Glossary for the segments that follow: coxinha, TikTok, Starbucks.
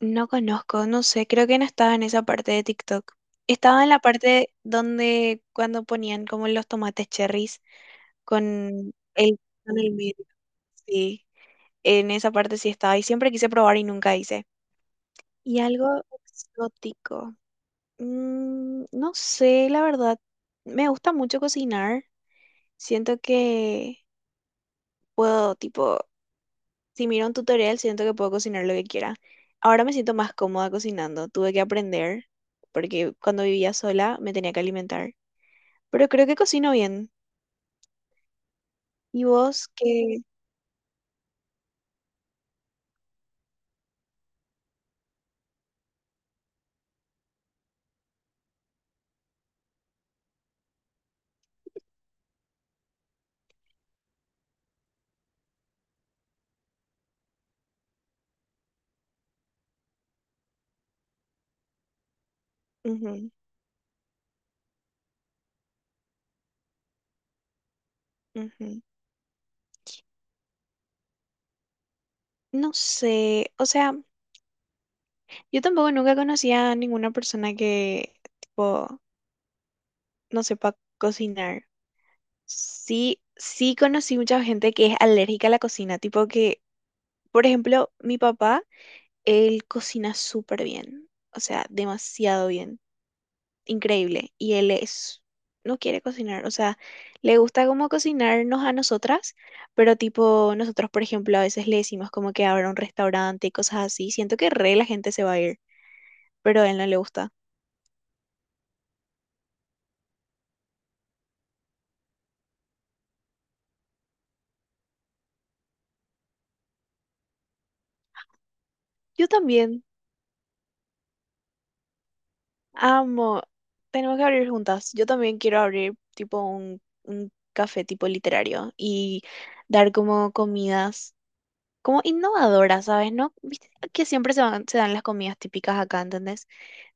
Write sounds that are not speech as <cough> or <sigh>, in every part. No conozco, no sé, creo que no estaba en esa parte de TikTok. Estaba en la parte donde cuando ponían como los tomates cherries con el, con el medio. Sí, en esa parte sí estaba y siempre quise probar y nunca hice. Y algo exótico. No sé, la verdad. Me gusta mucho cocinar. Siento que puedo tipo. Si miro un tutorial, siento que puedo cocinar lo que quiera. Ahora me siento más cómoda cocinando. Tuve que aprender porque cuando vivía sola me tenía que alimentar. Pero creo que cocino bien. ¿Y vos qué? Ujú, ujú. No sé. O sea, yo tampoco nunca conocí a ninguna persona que, tipo, no sepa cocinar. Sí, sí conocí mucha gente que es alérgica a la cocina. Tipo que, por ejemplo, mi papá, él cocina súper bien. O sea, demasiado bien. Increíble, y él es, no quiere cocinar, o sea, le gusta como cocinarnos a nosotras, pero tipo nosotros, por ejemplo, a veces le decimos como que abra un restaurante y cosas así, siento que re la gente se va a ir, pero a él no le gusta. Yo también amo, tenemos que abrir juntas, yo también quiero abrir tipo un café tipo literario y dar como comidas. Como innovadoras, ¿sabes? ¿No? ¿Viste que siempre se van- se dan las comidas típicas acá, ¿entendés?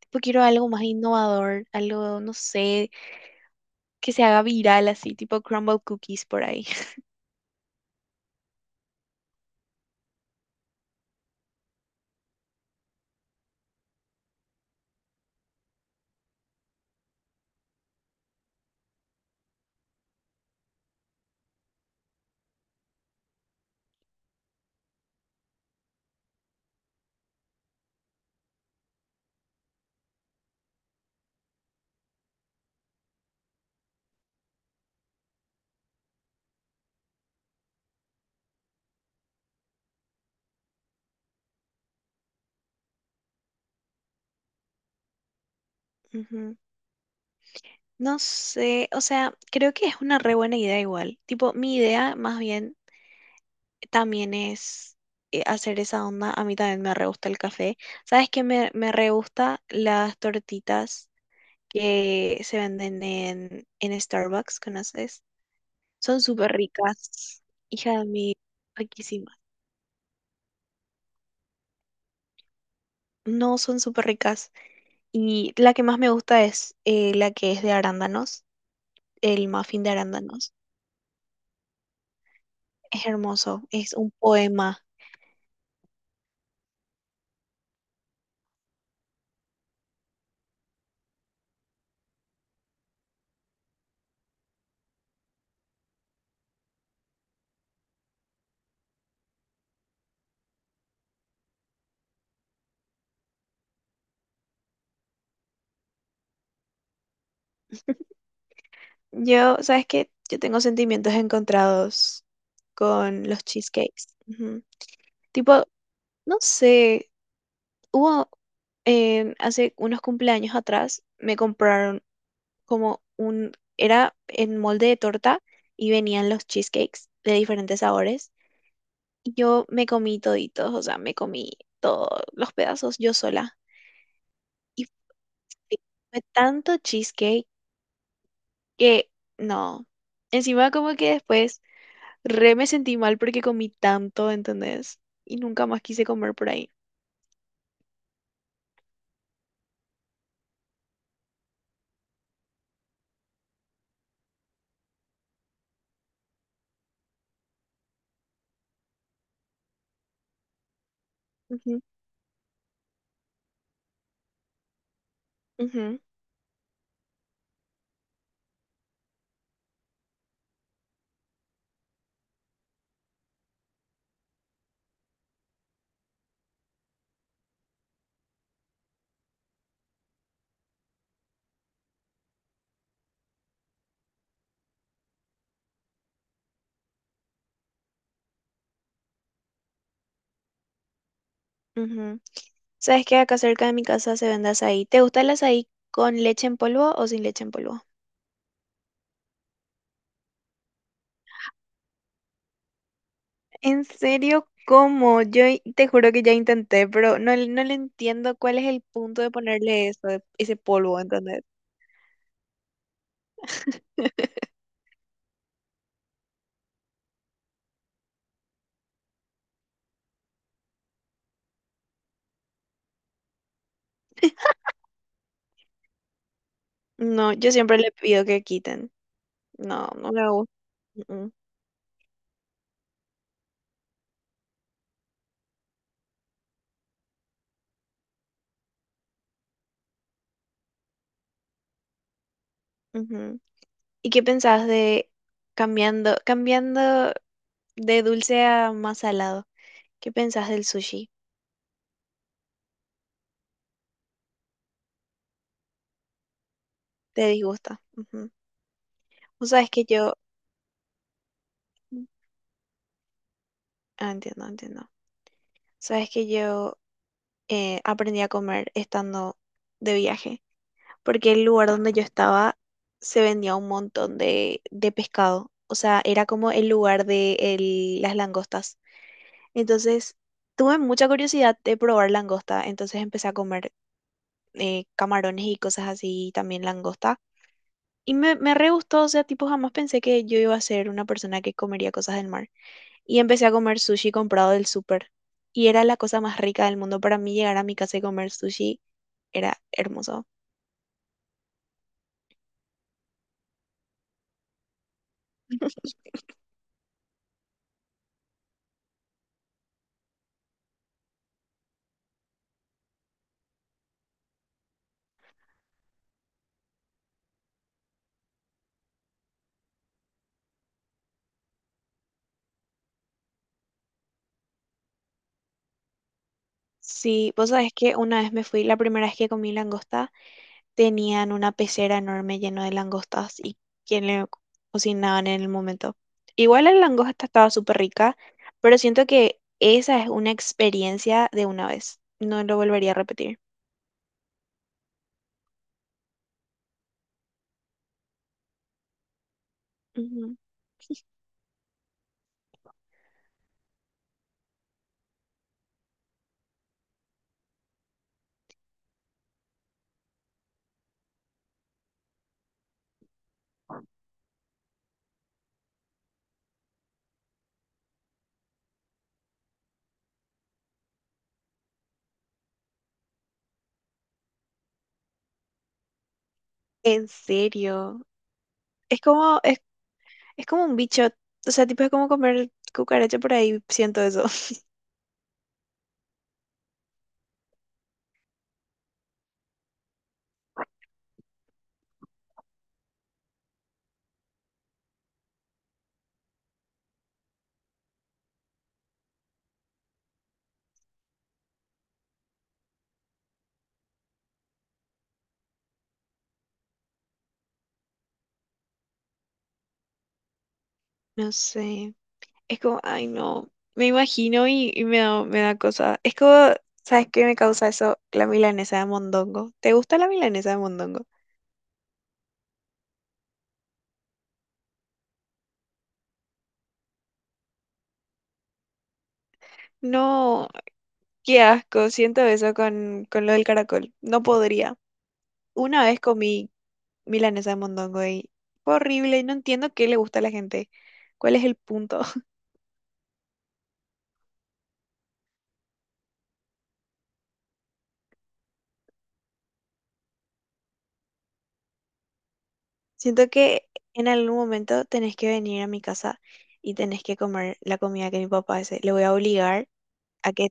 Tipo, quiero algo más innovador, algo, no sé, que se haga viral así, tipo crumble cookies por ahí. <laughs> Ujú. No sé, o sea, creo que es una re buena idea igual. Tipo, mi idea más bien también es hacer esa onda. A mí también me re gusta el café. ¿Sabes qué? Me re gusta las tortitas que se venden en Starbucks, ¿conoces? Son súper ricas. Hija de mí, riquísimas. No, son súper ricas. Y la que más me gusta es la que es de arándanos, el muffin de arándanos. Es hermoso, es un poema. Yo, ¿sabes qué? Yo tengo sentimientos encontrados con los cheesecakes. Ujú. Tipo, no sé, hubo hace unos cumpleaños atrás, me compraron como un, era en molde de torta y venían los cheesecakes de diferentes sabores. Y yo me comí toditos, o sea, me comí todos los pedazos yo sola. Y fue tanto cheesecake que no. Encima como que después re me sentí mal porque comí tanto, ¿entendés? Y nunca más quise comer por ahí. Ujú, ujú, ujú. ¿Sabes qué? Acá cerca de mi casa se vende azaí. ¿Te gusta el azaí con leche en polvo o sin leche en polvo? ¿En serio? ¿Cómo? Yo i- te juro que ya intenté, pero no, le- no le entiendo cuál es el punto de ponerle eso, de- ese polvo, ¿entendés? <laughs> No, yo siempre le pido que quiten. No, no me gusta. Mm, ujú. ¿Y qué pensás de cambiando de dulce a más salado? ¿Qué pensás del sushi? ¿Te disgusta? Ujú. Vos sabés que yo... mm, Ah, entiendo, entiendo. Sabes que yo aprendí a comer estando de viaje. Porque el lugar donde yo estaba se vendía un montón de pescado. O sea, era como el lugar de el- las langostas. Entonces, tuve mucha curiosidad de probar langosta. Entonces empecé a comer camarones y cosas así, y también langosta. Y me re gustó, o sea, tipo, jamás pensé que yo iba a ser una persona que comería cosas del mar. Y empecé a comer sushi comprado del súper. Y era la cosa más rica del mundo. Para mí llegar a mi casa y comer sushi era hermoso. Sí, vos sabés que una vez me fui, la primera vez que comí langosta, tenían una pecera enorme llena de langostas y que le co- cocinaban en el momento. Igual la langosta estaba súper rica, pero siento que esa es una experiencia de una vez. No lo volvería a repetir. Ujú. En serio. Es como, es, es como un bicho. O sea, tipo es como comer cucaracha por ahí, siento eso. <laughs> No sé. Es como, ay no, me imagino y me da cosa. Es como, ¿sabes qué me causa eso? La milanesa de mondongo. ¿Te gusta la milanesa de mondongo? No, qué asco, siento eso con lo del caracol. No podría. Una vez comí milanesa de mondongo y fue horrible y no entiendo qué le gusta a la gente. ¿Cuál es el punto? <laughs> Siento que en algún momento tenés que venir a mi casa y tenés que comer la comida que mi papá hace. Le voy a obligar. A que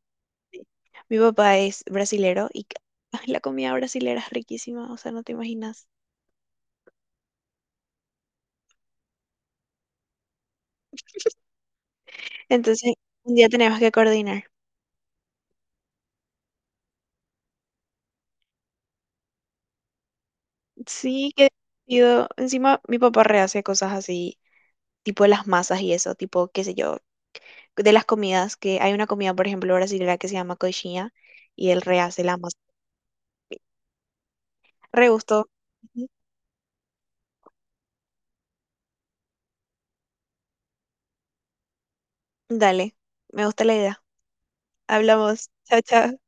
sí. Mi papá es brasilero y ca- <laughs> ay, la comida brasilera es riquísima, o sea, no te imaginas. Entonces, un día tenemos que coordinar. Sí, qué divertido. Encima, mi papá rehace cosas así, tipo las masas y eso, tipo, qué sé yo, de las comidas, que hay una comida, por ejemplo, brasilera que se llama coxinha y él rehace la masa. Re gusto. Ujú. Dale, me gusta la idea. Hablamos. Chao, chao.